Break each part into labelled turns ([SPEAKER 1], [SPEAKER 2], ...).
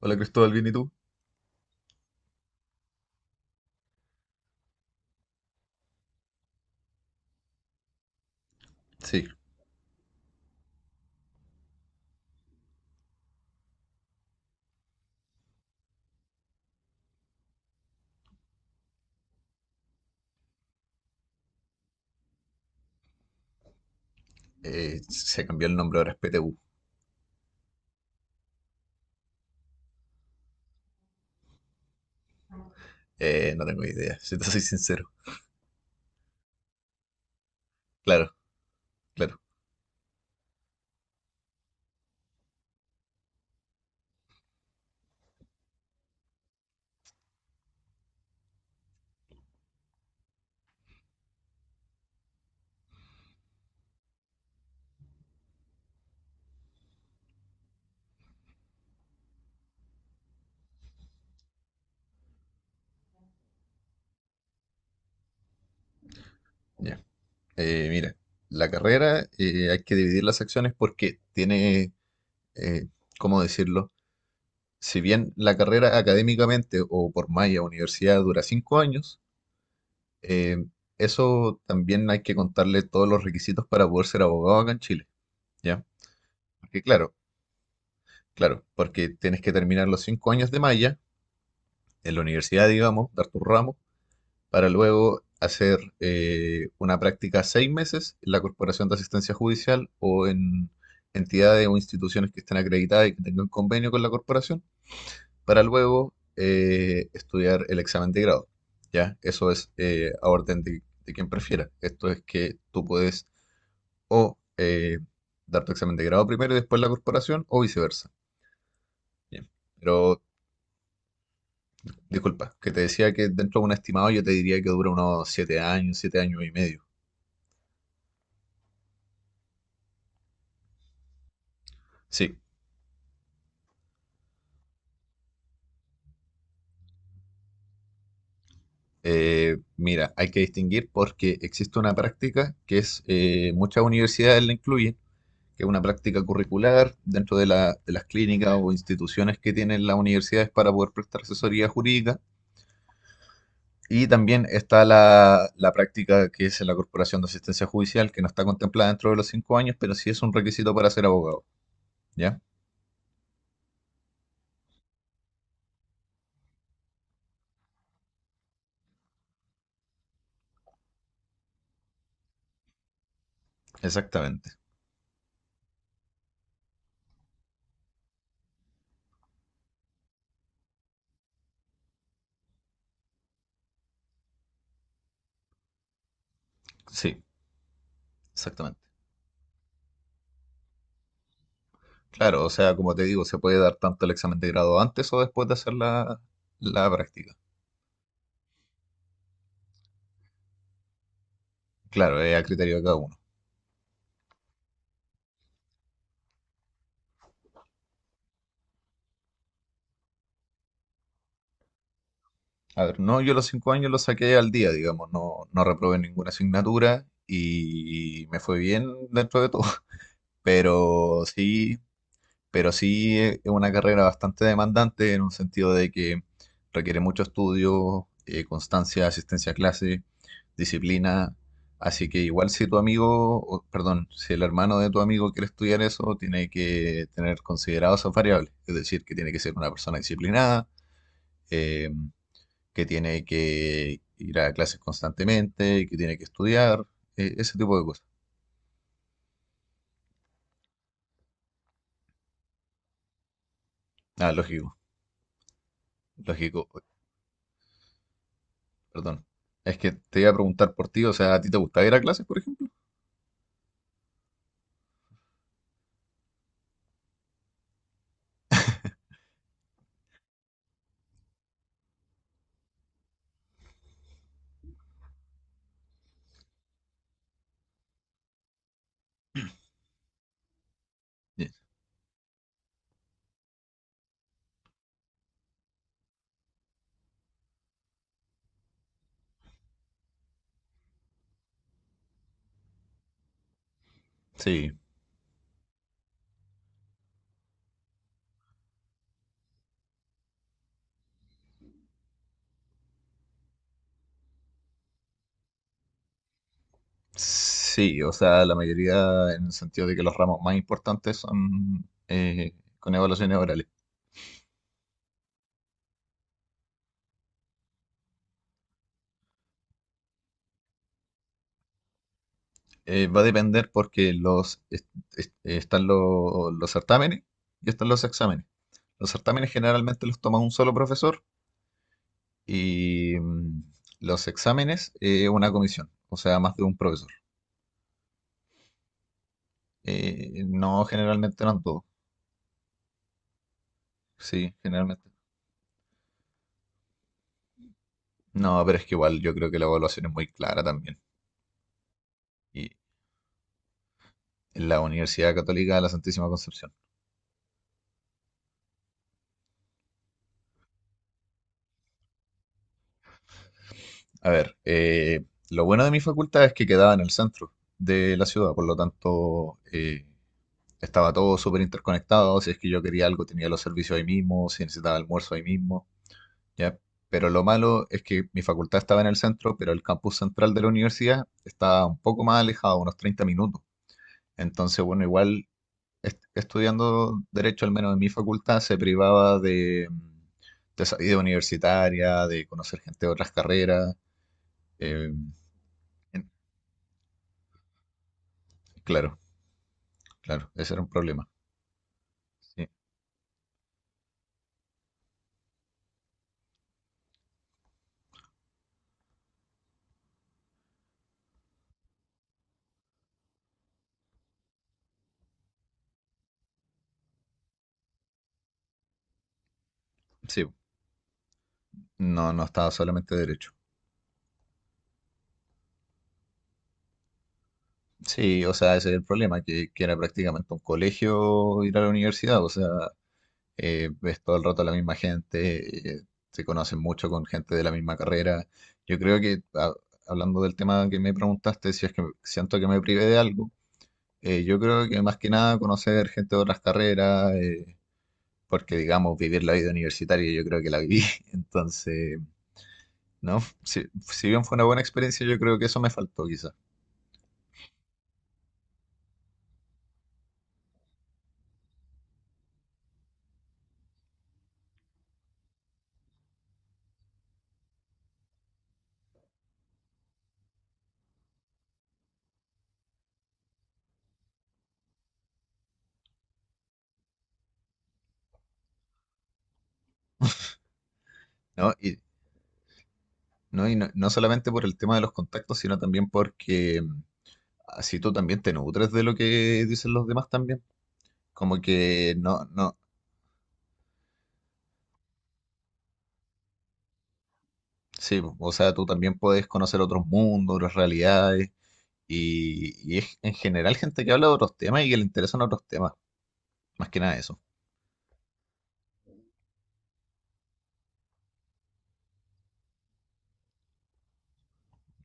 [SPEAKER 1] Hola Cristóbal, ¿bien y tú? Sí. Se cambió el nombre ahora, es PTU. No tengo idea, si te soy sincero. Claro, claro, ya. Mira, la carrera hay que dividir las acciones porque eh, ¿cómo decirlo? Si bien la carrera académicamente o por malla universidad dura cinco años, eh, eso también hay que contarle todos los requisitos para poder ser abogado acá en Chile, ¿ya? Porque claro, claro, porque tienes que terminar los cinco años de malla en la universidad, digamos, dar tu ramo para luego hacer una práctica seis meses en la Corporación de Asistencia Judicial o en entidades o instituciones que estén acreditadas y que tengan convenio con la corporación, para luego estudiar el examen de grado. ¿Ya? Eso es a orden de quien prefiera. Esto es que tú puedes o dar tu examen de grado primero y después la corporación o viceversa. Bien. Pero disculpa, que te decía que dentro de un estimado yo te diría que dura unos siete años y medio. Sí. Mira, hay que distinguir porque existe una práctica que es, muchas universidades la incluyen, que es una práctica curricular dentro de, de las clínicas o instituciones que tienen las universidades para poder prestar asesoría jurídica. Y también está la práctica que es en la Corporación de Asistencia Judicial, que no está contemplada dentro de los cinco años, pero sí es un requisito para ser abogado. ¿Ya? Exactamente. Sí, exactamente. Claro, o sea, como te digo, se puede dar tanto el examen de grado antes o después de hacer la práctica. Claro, es a criterio de cada uno. A ver, no, yo los cinco años los saqué al día, digamos, no, no reprobé ninguna asignatura y me fue bien dentro de todo, pero sí, pero sí es una carrera bastante demandante en un sentido de que requiere mucho estudio, constancia, asistencia a clase, disciplina, así que igual si tu amigo, o, perdón, si el hermano de tu amigo quiere estudiar eso, tiene que tener considerados esas variables, es decir, que tiene que ser una persona disciplinada, eh, que tiene que ir a clases constantemente, que tiene que estudiar, ese tipo de cosas. Ah, lógico, lógico, uy, perdón. Es que te iba a preguntar por ti, o sea, ¿a ti te gusta ir a clases, por ejemplo? Ye- Sí, sí, o sea, la mayoría en el sentido de que los ramos más importantes son con evaluaciones orales. Va a depender porque están los certámenes y están los exámenes. Los certámenes generalmente los toma un solo profesor y los exámenes, una comisión, o sea, más de un profesor. No, generalmente no en todo, sí, generalmente. No, pero es que igual yo creo que la evaluación es muy clara también. Y en la Universidad Católica de la Santísima Concepción. A ver, lo bueno de mi facultad es que quedaba en el centro de la ciudad, por lo tanto estaba todo súper interconectado. Si es que yo quería algo, tenía los servicios ahí mismo, si necesitaba almuerzo ahí mismo. ¿Ya? Pero lo malo es que mi facultad estaba en el centro, pero el campus central de la universidad estaba un poco más alejado, unos 30 minutos. Entonces, bueno, igual estudiando derecho, al menos en mi facultad, se privaba de, de esa vida universitaria, de conocer gente de otras carreras. eh, en- claro, claro, ese era un problema. Sí, sí, no, no estaba solamente derecho. Sí, o sea, ese es el problema, que era prácticamente un colegio ir a la universidad, o sea, ves todo el rato a la misma gente, se conocen mucho con gente de la misma carrera. Yo creo que, hablando del tema que me preguntaste, si es que siento que me privé de algo, yo creo que más que nada conocer gente de otras carreras, porque digamos, vivir la vida universitaria yo creo que la viví, entonces, ¿no? Si, si bien fue una buena experiencia, yo creo que eso me faltó quizás, ¿no? ¿No? Y no, no solamente por el tema de los contactos, sino también porque así tú también te nutres de lo que dicen los demás también. Como que no, no, sí, po, o sea, tú también puedes conocer otros mundos, otras realidades, y es en general gente que habla de otros temas y que le interesan otros temas, más que nada eso.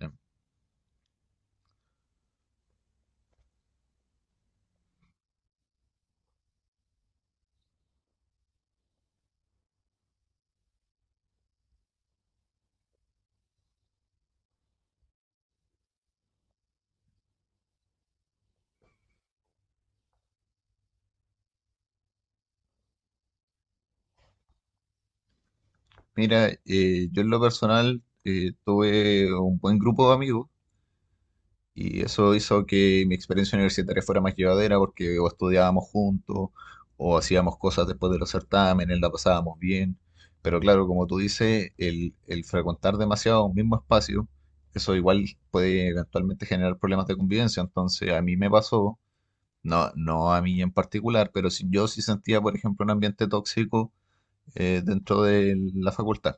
[SPEAKER 1] Ya. Mira, yo en lo personal tuve un buen grupo de amigos. Y eso hizo que mi experiencia universitaria fuera más llevadera porque o estudiábamos juntos o hacíamos cosas después de los certámenes, la pasábamos bien. Pero claro, como tú dices, el frecuentar demasiado un mismo espacio, eso igual puede eventualmente generar problemas de convivencia. Entonces a mí me pasó, no, no a mí en particular, pero si, yo sí sentía, por ejemplo, un ambiente tóxico dentro de la facultad.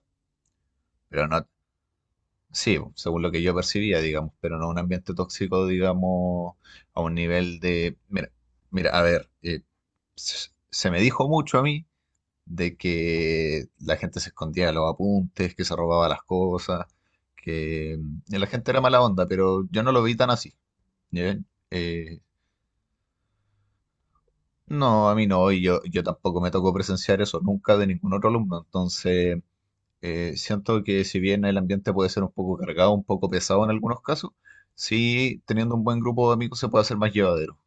[SPEAKER 1] Pero no, sí, según lo que yo percibía, digamos, pero no un ambiente tóxico, digamos, a un nivel de... Mira, mira, a ver, se me dijo mucho a mí de que la gente se escondía los apuntes, que se robaba las cosas, que la gente era mala onda, pero yo no lo vi tan así. ¿Ya? Eh, no, a mí no, yo tampoco me tocó presenciar eso nunca de ningún otro alumno, entonces siento que si bien el ambiente puede ser un poco cargado, un poco pesado en algunos casos, sí, teniendo un buen grupo de amigos se puede hacer más llevadero.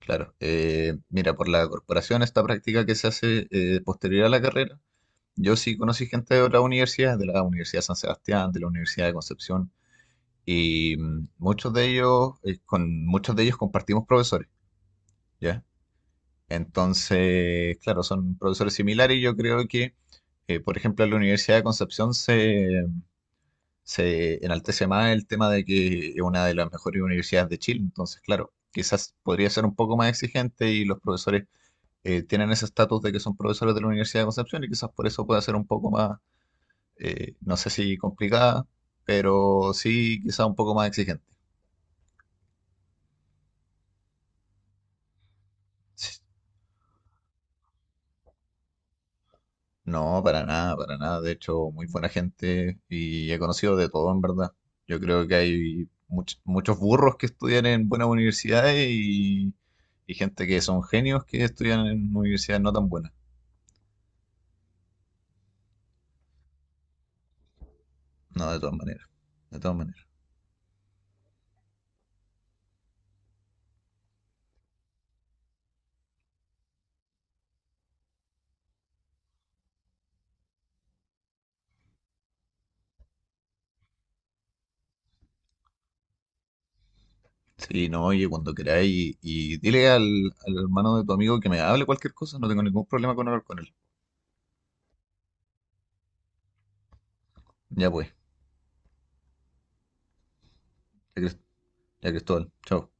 [SPEAKER 1] Claro. Mira, por la corporación, esta práctica que se hace posterior a la carrera, yo sí conocí gente de otras universidades, de la Universidad de San Sebastián, de la Universidad de Concepción, y muchos de ellos, con muchos de ellos compartimos profesores, ¿ya? Entonces, claro, son profesores similares y yo creo que, por ejemplo, en la Universidad de Concepción se enaltece más el tema de que es una de las mejores universidades de Chile. Entonces, claro, quizás podría ser un poco más exigente y los profesores tienen ese estatus de que son profesores de la Universidad de Concepción y quizás por eso pueda ser un poco más, no sé si complicada, pero sí quizás un poco más exigente. No, para nada, para nada. De hecho, muy buena gente y he conocido de todo, en verdad. Yo creo que hay muchos burros que estudian en buenas universidades y gente que son genios que estudian en universidades no tan buenas. No, de todas maneras, de todas maneras. Sí, no, oye, cuando queráis y dile al hermano de tu amigo que me hable cualquier cosa, no tengo ningún problema con hablar con él. Ya pues, ya, Cris- ya Cristóbal, chao.